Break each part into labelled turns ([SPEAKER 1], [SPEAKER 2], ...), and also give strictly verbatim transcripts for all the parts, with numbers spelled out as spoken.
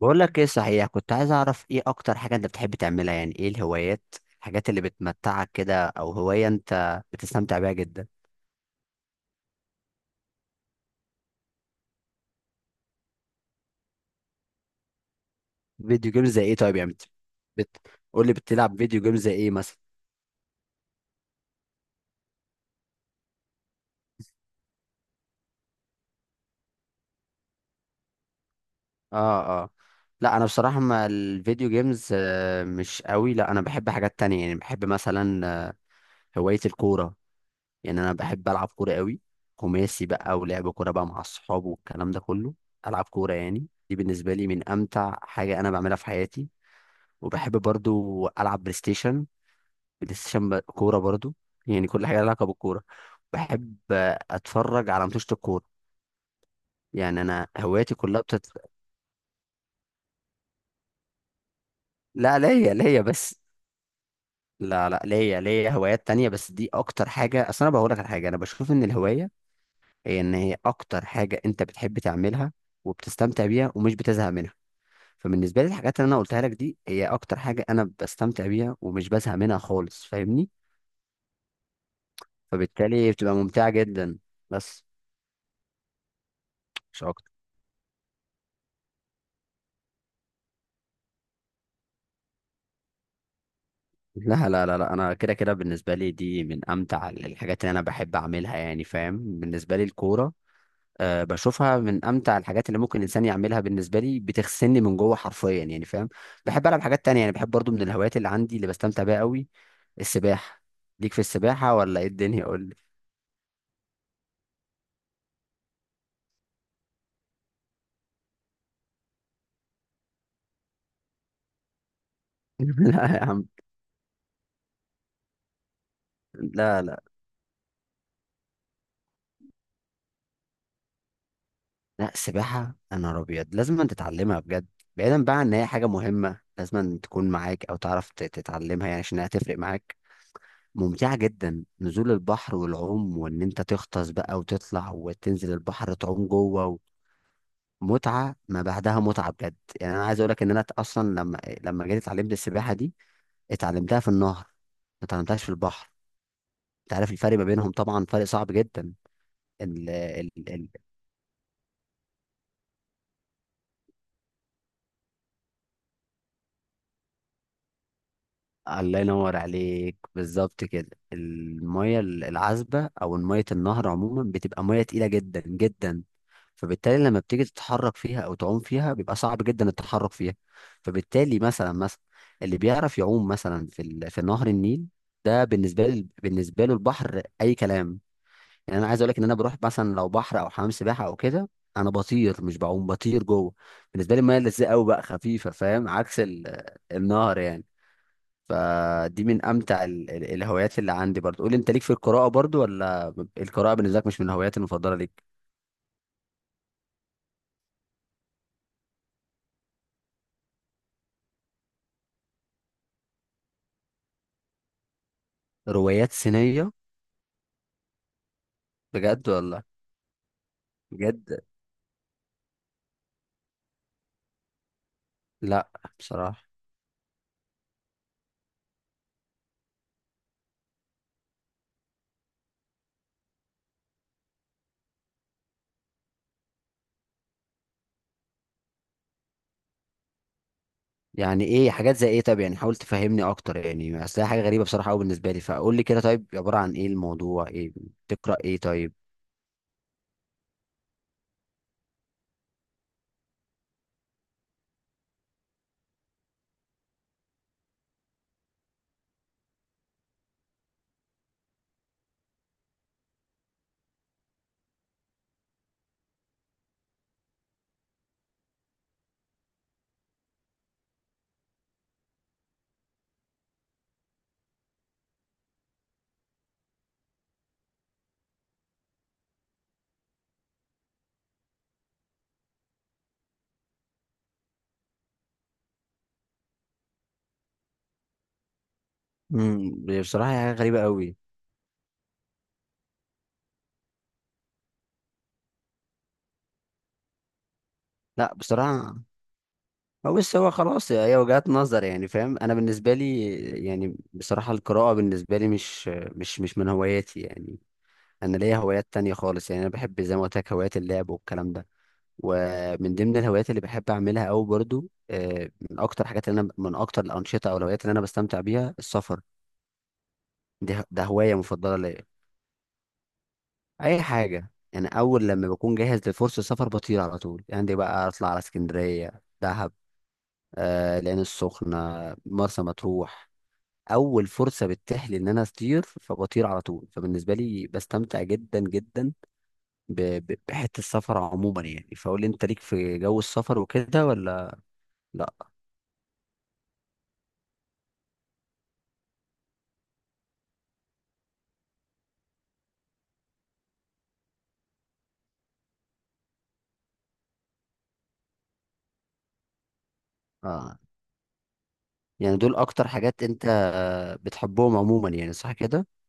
[SPEAKER 1] بقول لك ايه؟ صحيح كنت عايز اعرف ايه اكتر حاجة انت بتحب تعملها؟ يعني ايه الهوايات، الحاجات اللي بتمتعك كده، او هواية انت بتستمتع بيها جدا؟ فيديو جيمز زي ايه؟ طيب يعني بت... بت... قول لي، بتلعب فيديو جيمز زي ايه مثلا؟ اه اه. لا انا بصراحة ما الفيديو جيمز آه، مش قوي. لا انا بحب حاجات تانية يعني، بحب مثلا آه، هواية الكورة. يعني انا بحب العب كورة قوي، خماسي بقى، ولعب كورة بقى مع الصحاب والكلام ده كله. العب كورة، يعني دي بالنسبة لي من امتع حاجة انا بعملها في حياتي. وبحب برضو العب بلاي ستيشن، بلاي ستيشن ب- كوره برضو. يعني كل حاجه لها علاقه بالكوره بحب اتفرج على ماتشات الكوره. يعني انا هواياتي كلها بتت... لا، ليا ليا بس. لا لا ليا ليا هوايات تانية، بس دي اكتر حاجه. اصل انا بقول لك على حاجه، انا بشوف ان الهوايه هي، ان هي اكتر حاجه انت بتحب تعملها وبتستمتع بيها ومش بتزهق منها. فبالنسبه لي الحاجات اللي انا قلتها لك دي هي اكتر حاجه انا بستمتع بيها ومش بزهق منها خالص، فاهمني؟ فبالتالي بتبقى ممتعه جدا، بس مش اكتر. لا لا لا لا انا كده كده بالنسبه لي دي من امتع الحاجات اللي انا بحب اعملها، يعني فاهم؟ بالنسبه لي الكوره، أه، بشوفها من امتع الحاجات اللي ممكن الانسان يعملها. بالنسبه لي بتغسلني من جوه حرفيا، يعني فاهم. بحب العب حاجات تانية، يعني بحب برضو من الهوايات اللي عندي اللي بستمتع بيها قوي السباحه. ليك في السباحه ولا ايه الدنيا؟ قول لي. لا يا عم. لا لا لا السباحه يا نهار ابيض لازم أن تتعلمها بجد. بعيدا بقى عن ان هي حاجه مهمه لازم أن تكون معاك او تعرف تت- تتعلمها، يعني عشان هتفرق معاك. ممتعة جدا نزول البحر والعوم، وان انت تغطس بقى وتطلع وتنزل البحر تعوم جوه، متعة ما بعدها متعة بجد. يعني انا عايز اقولك ان انا اصلا لما لما جيت اتعلمت السباحة دي، اتعلمتها في النهر، ما اتعلمتهاش في البحر. انت عارف الفرق ما بينهم طبعا، فرق صعب جدا. ال... ال... ال... الله ينور عليك بالظبط كده. المية العذبة أو مية النهر عموما بتبقى مية تقيلة جدا جدا. فبالتالي لما بتيجي تتحرك فيها أو تعوم فيها بيبقى صعب جدا التحرك فيها. فبالتالي مثلا مثلا اللي بيعرف يعوم مثلا في ال... في نهر النيل، ده بالنسبة لي، بالنسبة له البحر أي كلام. يعني أنا عايز أقول لك إن أنا بروح مثلا لو بحر أو حمام سباحة أو كده، أنا بطير مش بعوم، بطير جوه. بالنسبة لي المية لزقة أوي، بقى خفيفة فاهم، عكس ال... النهر يعني. فدي من امتع ال- ال- الهوايات اللي عندي برضو. قول لي انت، ليك في القراءه برضو ولا القراءه بالنسبه لك مش من الهوايات المفضله ليك؟ روايات صينيه؟ بجد ولا؟ بجد؟ لا، بصراحه، يعني ايه؟ حاجات زي ايه طب؟ يعني حاول تفهمني اكتر، يعني اصل هي حاجه غريبه بصراحه قوي بالنسبه لي، فقول لي كده طيب، عباره عن ايه الموضوع؟ ايه بتقرا ايه طيب؟ امم، بصراحه هي حاجه غريبه قوي. لا بصراحه، ما بص، هو خلاص هي وجهات نظر، يعني فاهم انا بالنسبه لي، يعني بصراحه القراءه بالنسبه لي مش مش مش من هواياتي يعني. انا ليا هوايات تانية خالص، يعني انا بحب زي ما قلت لك هوايات اللعب والكلام ده. ومن ضمن الهوايات اللي بحب اعملها قوي برضو آه، من اكتر حاجات اللي انا، من اكتر الانشطه او الهوايات اللي انا بستمتع بيها السفر. دي ده هوايه مفضله ليا. اي حاجه يعني، اول لما بكون جاهز لفرصه سفر بطير على طول، يعني دي بقى اطلع على اسكندريه، دهب، آه العين السخنه، مرسى مطروح. اول فرصه بتتيح لي ان انا اطير فبطير على طول، فبالنسبه لي بستمتع جدا جدا. ب- ب- بحته السفر عموما يعني. فقول لي انت، ليك في جو السفر وكده ولا لا؟ آه. يعني دول اكتر حاجات انت آه، بتحبهم عموما يعني، صح كده؟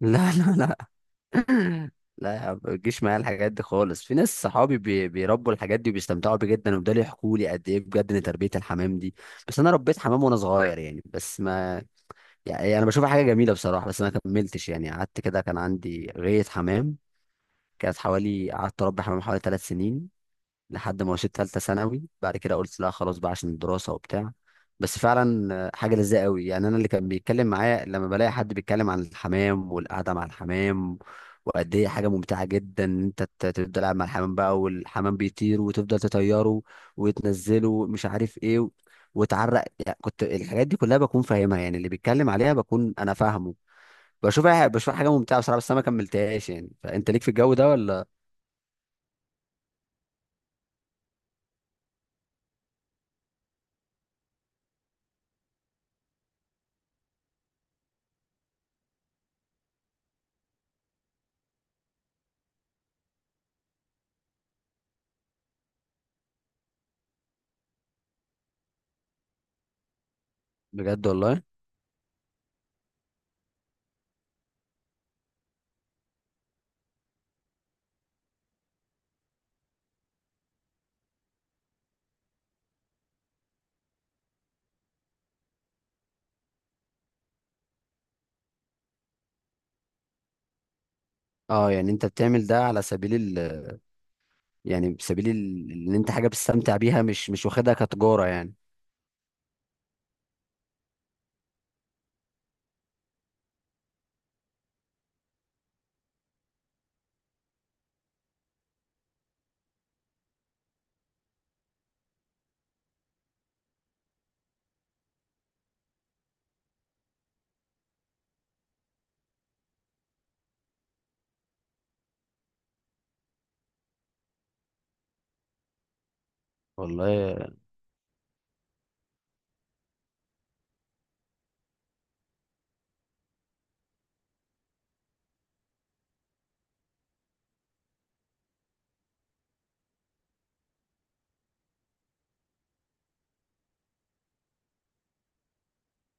[SPEAKER 1] لا لا لا لا يا عم، ما تجيش معايا الحاجات دي خالص. في ناس صحابي بي- بيربوا الحاجات دي وبيستمتعوا بيه جدا، وبدأوا يحكوا لي قد ايه بجد ان تربيه الحمام دي. بس انا ربيت حمام وانا صغير يعني، بس ما يعني انا بشوفها حاجه جميله بصراحه، بس ما كملتش يعني. قعدت كده كان عندي غايه حمام، كانت حوالي، قعدت اربي حمام حوالي ثلاث سنين، لحد ما وصلت ثالثه ثانوي، بعد كده قلت لا خلاص بقى عشان الدراسه وبتاع. بس فعلا آه، حاجه لذيذه قوي. يعني انا اللي كان بيتكلم معايا لما بلاقي حد بيتكلم عن الحمام والقعده مع الحمام، وقد ايه حاجه ممتعه جدا ان انت ت- تفضل قاعد مع الحمام بقى، والحمام بيطير وتفضل تطيره وتنزله، مش عارف ايه و- وتعرق، يعني كنت الحاجات دي كلها بكون فاهمها، يعني اللي بيتكلم عليها بكون انا فاهمه. بشوفها بشوفها حاجه ممتعه بصراحه، بس انا ما كملتهاش يعني. فانت ليك في الجو ده ولا؟ بجد والله؟ اه، يعني انت بتعمل ده على سبيل ال يعني سبيل ال- ان انت حاجه بتستمتع بيها، مش مش واخدها كتجاره يعني؟ والله.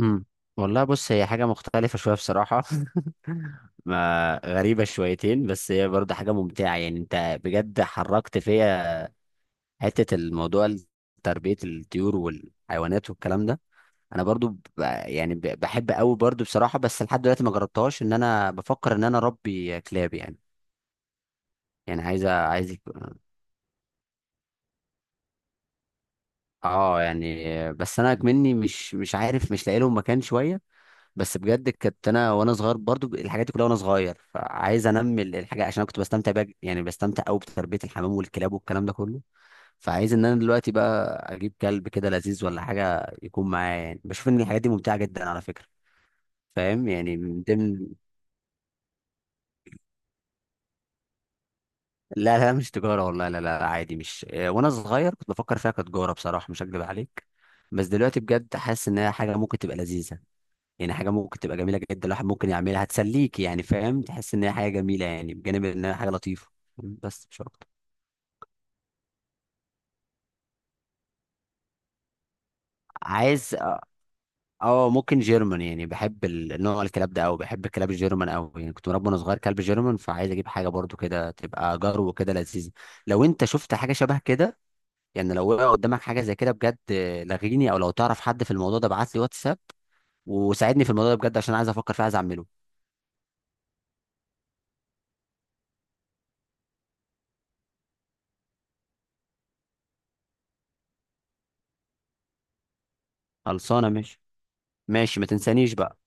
[SPEAKER 1] امم، والله بص هي حاجه مختلفه شويه بصراحه. ما غريبه شويتين، بس هي برضه حاجه ممتعه. يعني انت بجد حركت فيا حته الموضوع ال- تربيه الطيور والحيوانات والكلام ده. انا برضو ب- يعني ب- بحب قوي برضو بصراحه، بس لحد دلوقتي ما جربتهاش، ان انا بفكر ان انا اربي كلاب يعني. يعني عايز عايز اه، يعني بس انا مني مش مش عارف، مش لاقي لهم مكان شويه. بس بجد كنت انا وانا صغير برضو الحاجات دي كلها وانا صغير، فعايز انمي ال- الحاجه عشان انا كنت بستمتع بقى، يعني بستمتع قوي بتربيه الحمام والكلاب والكلام ده كله. فعايز ان انا دلوقتي بقى اجيب كلب كده لذيذ ولا حاجه يكون معايا يعني، بشوف ان الحاجات دي ممتعه جدا على فكره، فاهم يعني، من ضمن. لا لا، مش تجاره والله، لا لا، عادي، مش آه، وانا صغير كنت بفكر فيها كتجاره بصراحه، مش هكدب عليك، بس دلوقتي بجد حاسس ان هي حاجه ممكن تبقى لذيذه. يعني حاجه ممكن تبقى جميله جدا الواحد ممكن يعملها، هتسليك يعني فاهم، تحس ان هي حاجه جميله، يعني بجانب ان هي حاجه لطيفه، بس مش اكتر. عايز اه، ممكن جيرمان، يعني بحب ال- نوع الكلاب ده قوي، بحب الكلاب الجيرمان قوي. يعني كنت مربي وانا صغير كلب جيرمان، فعايز اجيب حاجه برضو كده تبقى جرو كده لذيذه. لو انت شفت حاجه شبه كده يعني، لو وقع قدامك حاجه زي كده بجد آه، لغيني، او لو تعرف حد في الموضوع ده ابعت لي واتساب وساعدني في الموضوع ده بجد، عشان عايز افكر فيه، عايز اعمله. خلصانه، ماشي. ماشي، ما تنسانيش بقى.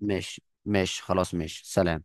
[SPEAKER 1] ماشي ماشي، خلاص، ماشي، سلام.